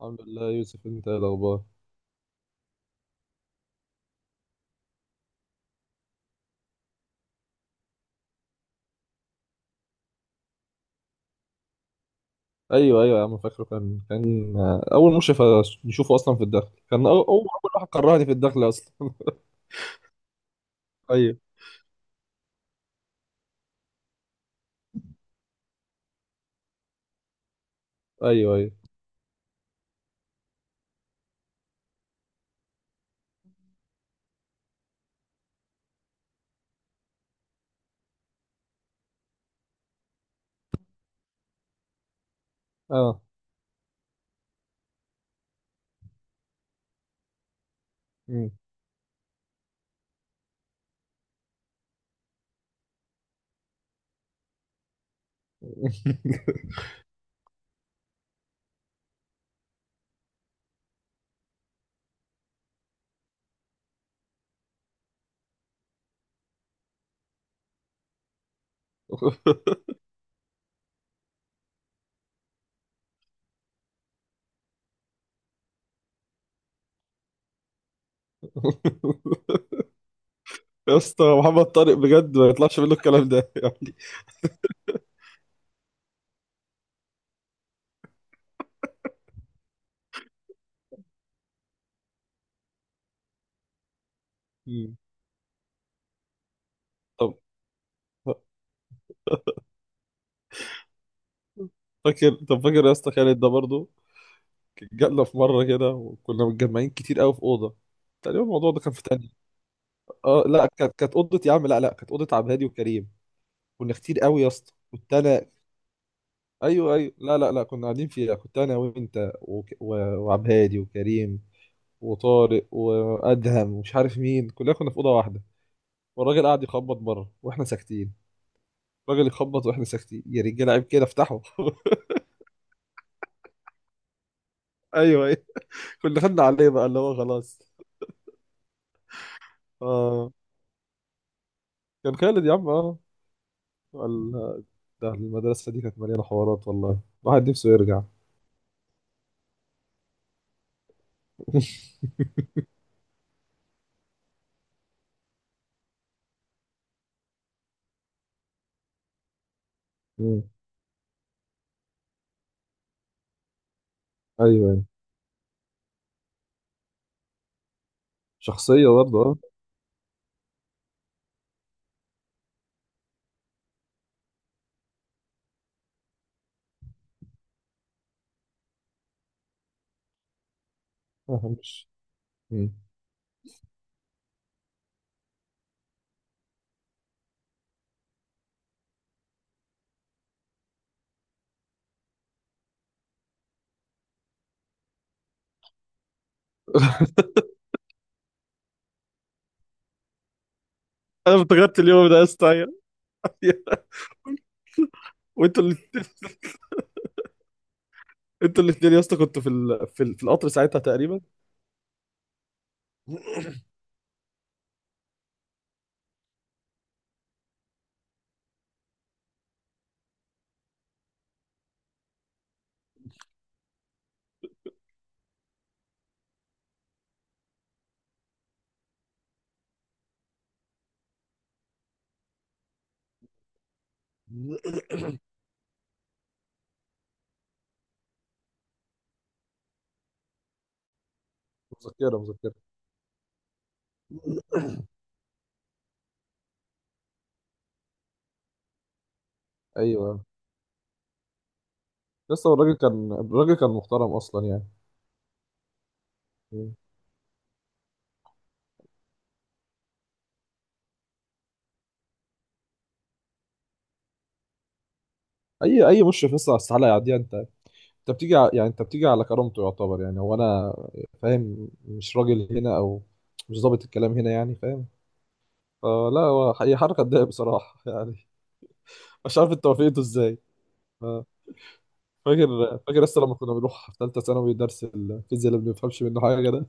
الحمد لله يوسف، انت ايه الاخبار؟ ايوه ايوه يا عم، فاكره كان اول مشرف نشوفه اصلا في الدخل، كان اول واحد كرهني في الدخل اصلا. ايوه، ايوه، ايوه، اه. مم. يا اسطى، محمد طارق بجد ما يطلعش منه الكلام ده يعني. مم. طب طب فاكر يا اسطى خالد ده برضه، جالنا في مره كده، وكنا متجمعين كتير قوي في اوضه. تقريبا الموضوع ده كان في تاني. اه لا، كانت اوضه يا عم. لا، لا، كانت اوضه عبد الهادي وكريم. كنا كتير قوي يا اسطى، كنت انا. ايوه ايوه، لا لا لا، كنا قاعدين فيها، كنت انا وانت وعبد هادي وكريم وطارق وادهم ومش عارف مين. كلنا كنا في اوضه واحده. والراجل قاعد يخبط بره واحنا ساكتين. الراجل يخبط واحنا ساكتين، يا رجاله عيب كده، افتحوا. ايوه ايوه، كنا خدنا عليه بقى اللي هو خلاص. اه، كان خالد يا عم، اه. ال- ده المدرسه دي كانت مليانه حوارات، والله الواحد نفسه يرجع. مم. ايوه ايوه، شخصيه برضه. اه، مش. مم. انا افتكرت اليوم ده يا اسطى. أيوة. وانتوا اللي... انتوا الاثنين يا اسطى، كنتوا في القطر ساعتها تقريبا. مذكرة مذكرة. ايوه، لسه الراجل كان محترم اصلا يعني. اي مشرف لسه على السحالة يعديها انت؟ انت بتيجي ع- يعني انت بتيجي على كرامته، يعتبر يعني هو انا، فاهم؟ مش راجل هنا، او مش ظابط الكلام هنا يعني، فاهم؟ فلا هو هي حركة تضايق بصراحة. يعني، مش عارف انت وافقته ازاي. ف- فاكر لسه لما كنا بنروح في ثالثة ثانوي درس الفيزياء اللي ما بنفهمش منه حاجة.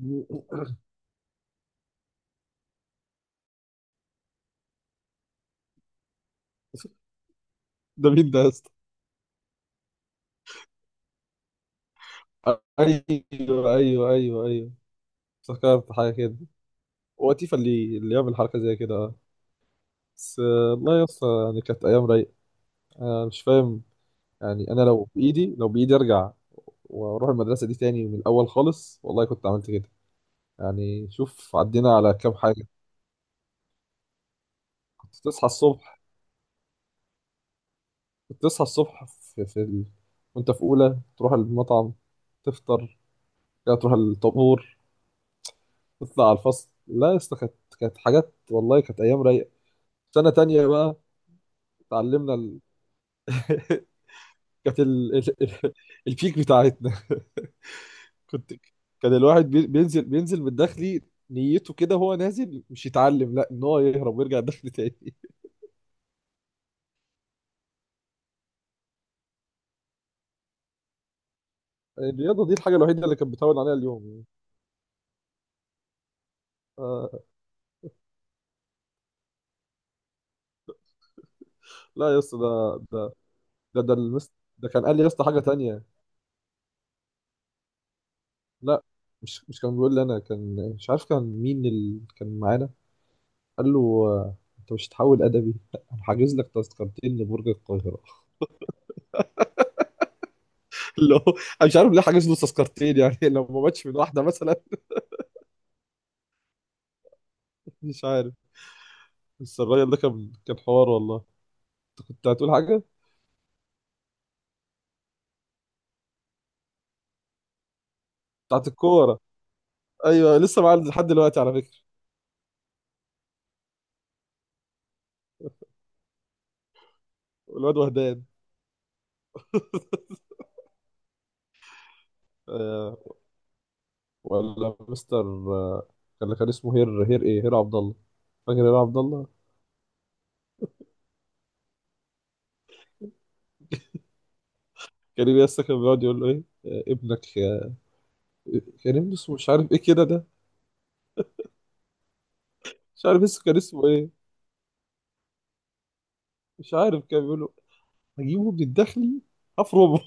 ده ده مين ده يا اسطى؟ ايوه ايوه ايوه ايوه، افتكرت حاجه كده. هو تيفا اللي يعمل حركه زي كده، اه. بس والله يا اسطى يعني كانت ايام رايقه. انا مش فاهم. يعني انا لو بايدي ارجع، واروح المدرسه دي تاني من الاول خالص، والله كنت عملت كده. يعني، شوف عدينا على كام حاجه. كنت تصحى الصبح كنت تصحى الصبح. في, في ال... وانت في اولى تروح المطعم، تفطر، كده تروح الطابور، تطلع على الفصل. لا يا اسطى كانت، كانت حاجات والله، كانت ايام رايقه. سنة تانية بقى، اتعلمنا كانت البيك بتاعتنا. كنت كان الواحد بينزل من الداخلي، نيته كده هو نازل مش يتعلم، لا، ان هو يهرب ويرجع الداخل تاني. الرياضة دي الحاجة الوحيدة اللي كانت بتعود عليها اليوم يعني. آه لا يا اسطى، ده ده, المس... ده كان قال لي يا اسطى حاجة تانية. لا، مش كان بيقول لي انا، كان مش عارف كان مين اللي كان معانا. قال له: انت مش هتحول ادبي، لا، انا حاجز لك تذكرتين لبرج القاهرة. اللي هو، انا مش عارف ليه حاجز له تذكرتين يعني. لو ما ماتش من واحده مثلا. مش عارف. بس الراجل ده كان حوار والله. كنت هتقول حاجه؟ بتاعت الكوره. ايوه، لسه معاه لحد دلوقتي على فكره. الواد وهدان. آه، ولا مستر. آه، كان اسمه هير عبد الله. فاكر هير عبد الله؟ كان لسه كان بيقعد يقول له ايه: ابنك. كان ابنه اسمه مش عارف ايه كده ده. مش عارف لسه كان اسمه ايه. مش عارف كان بيقول له: هجيبه من الداخلي، هفرمه.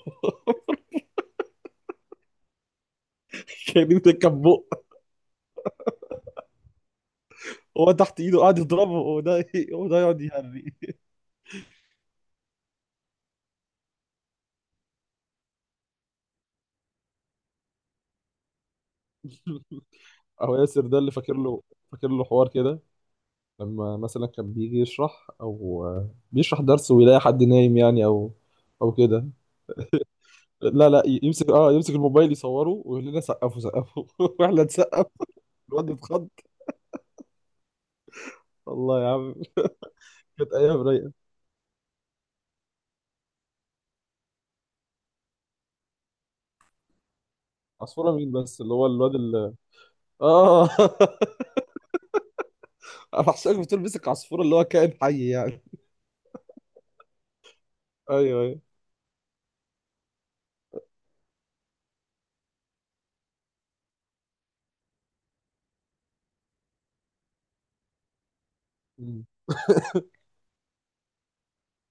كان ده كان بق هو تحت ايده قاعد يضربه، وده، وده يقعد يهري. اهو ياسر ده اللي فاكر له، فاكر له حوار كده لما مثلا كان بيجي يشرح او بيشرح درس ويلاقي حد نايم يعني، او او كده. لا لا، يمسك يمسك الموبايل يصوره ويقول لنا: سقفوا سقفوا. واحنا نسقف. الواد اتخض. الله يا عم، كانت ايام رايقه. عصفوره مين بس، اللي هو الواد اللي... اه. انا حاسسك بتقول مسك عصفوره اللي هو كائن حي يعني. ايوه ايوه. م-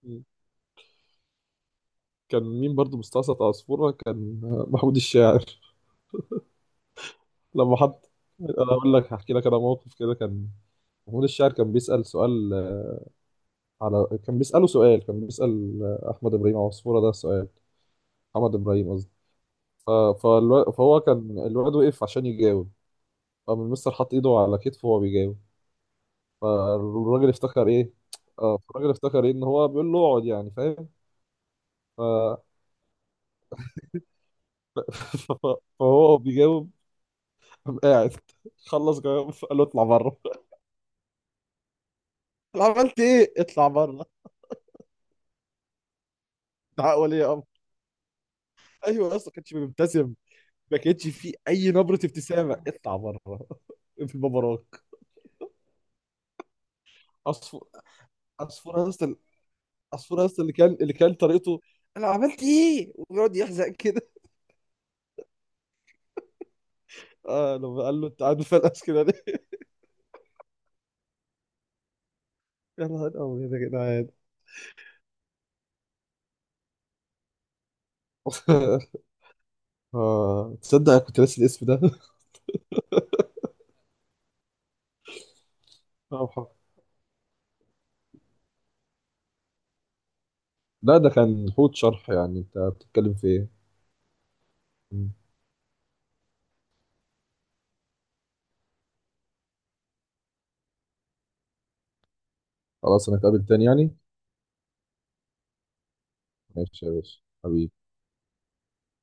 م. كان مين برضو مستعصي؟ عصفوره كان محمود الشاعر. لما حط، انا اقول لك، هحكي لك انا موقف كده، كان محمود الشاعر كان بيسأل سؤال. كان بيسأله سؤال، كان بيسأل احمد ابراهيم عصفورة ده سؤال. محمد ابراهيم قصدي. فهو كان، الواد وقف عشان يجاوب، قام المستر حط ايده على كتفه وهو بيجاوب. فالراجل افتكر ايه؟ اه، الراجل افتكر ايه، ان هو بيقول له اقعد يعني، فاهم؟ ف... فهو بيجاوب، قام قاعد، خلص جواب، قال له: اطلع بره. عملت ايه؟ اطلع بره. ده ولي امر. ايوه يا اسطى، كانش بيبتسم، ما كانتش في اي نبره ابتسامه. اطلع بره. في بابراك. عصفور، عصفور يا اسطى. عصفور يا اسطى اللي كان طريقته، انا عملت ايه، وبيقعد يحزق كده. اه، لما قال له: انت عامل فلقس كده ليه؟ يا نهار ابيض يا جدعان. اه، تصدق؟ أنا كنت ناسي الاسم ده. حق. لا ده كان حوت شرح، يعني انت بتتكلم في ايه؟ مم. خلاص، انا اتقابل تاني يعني. ماشي يا باشا حبيبي.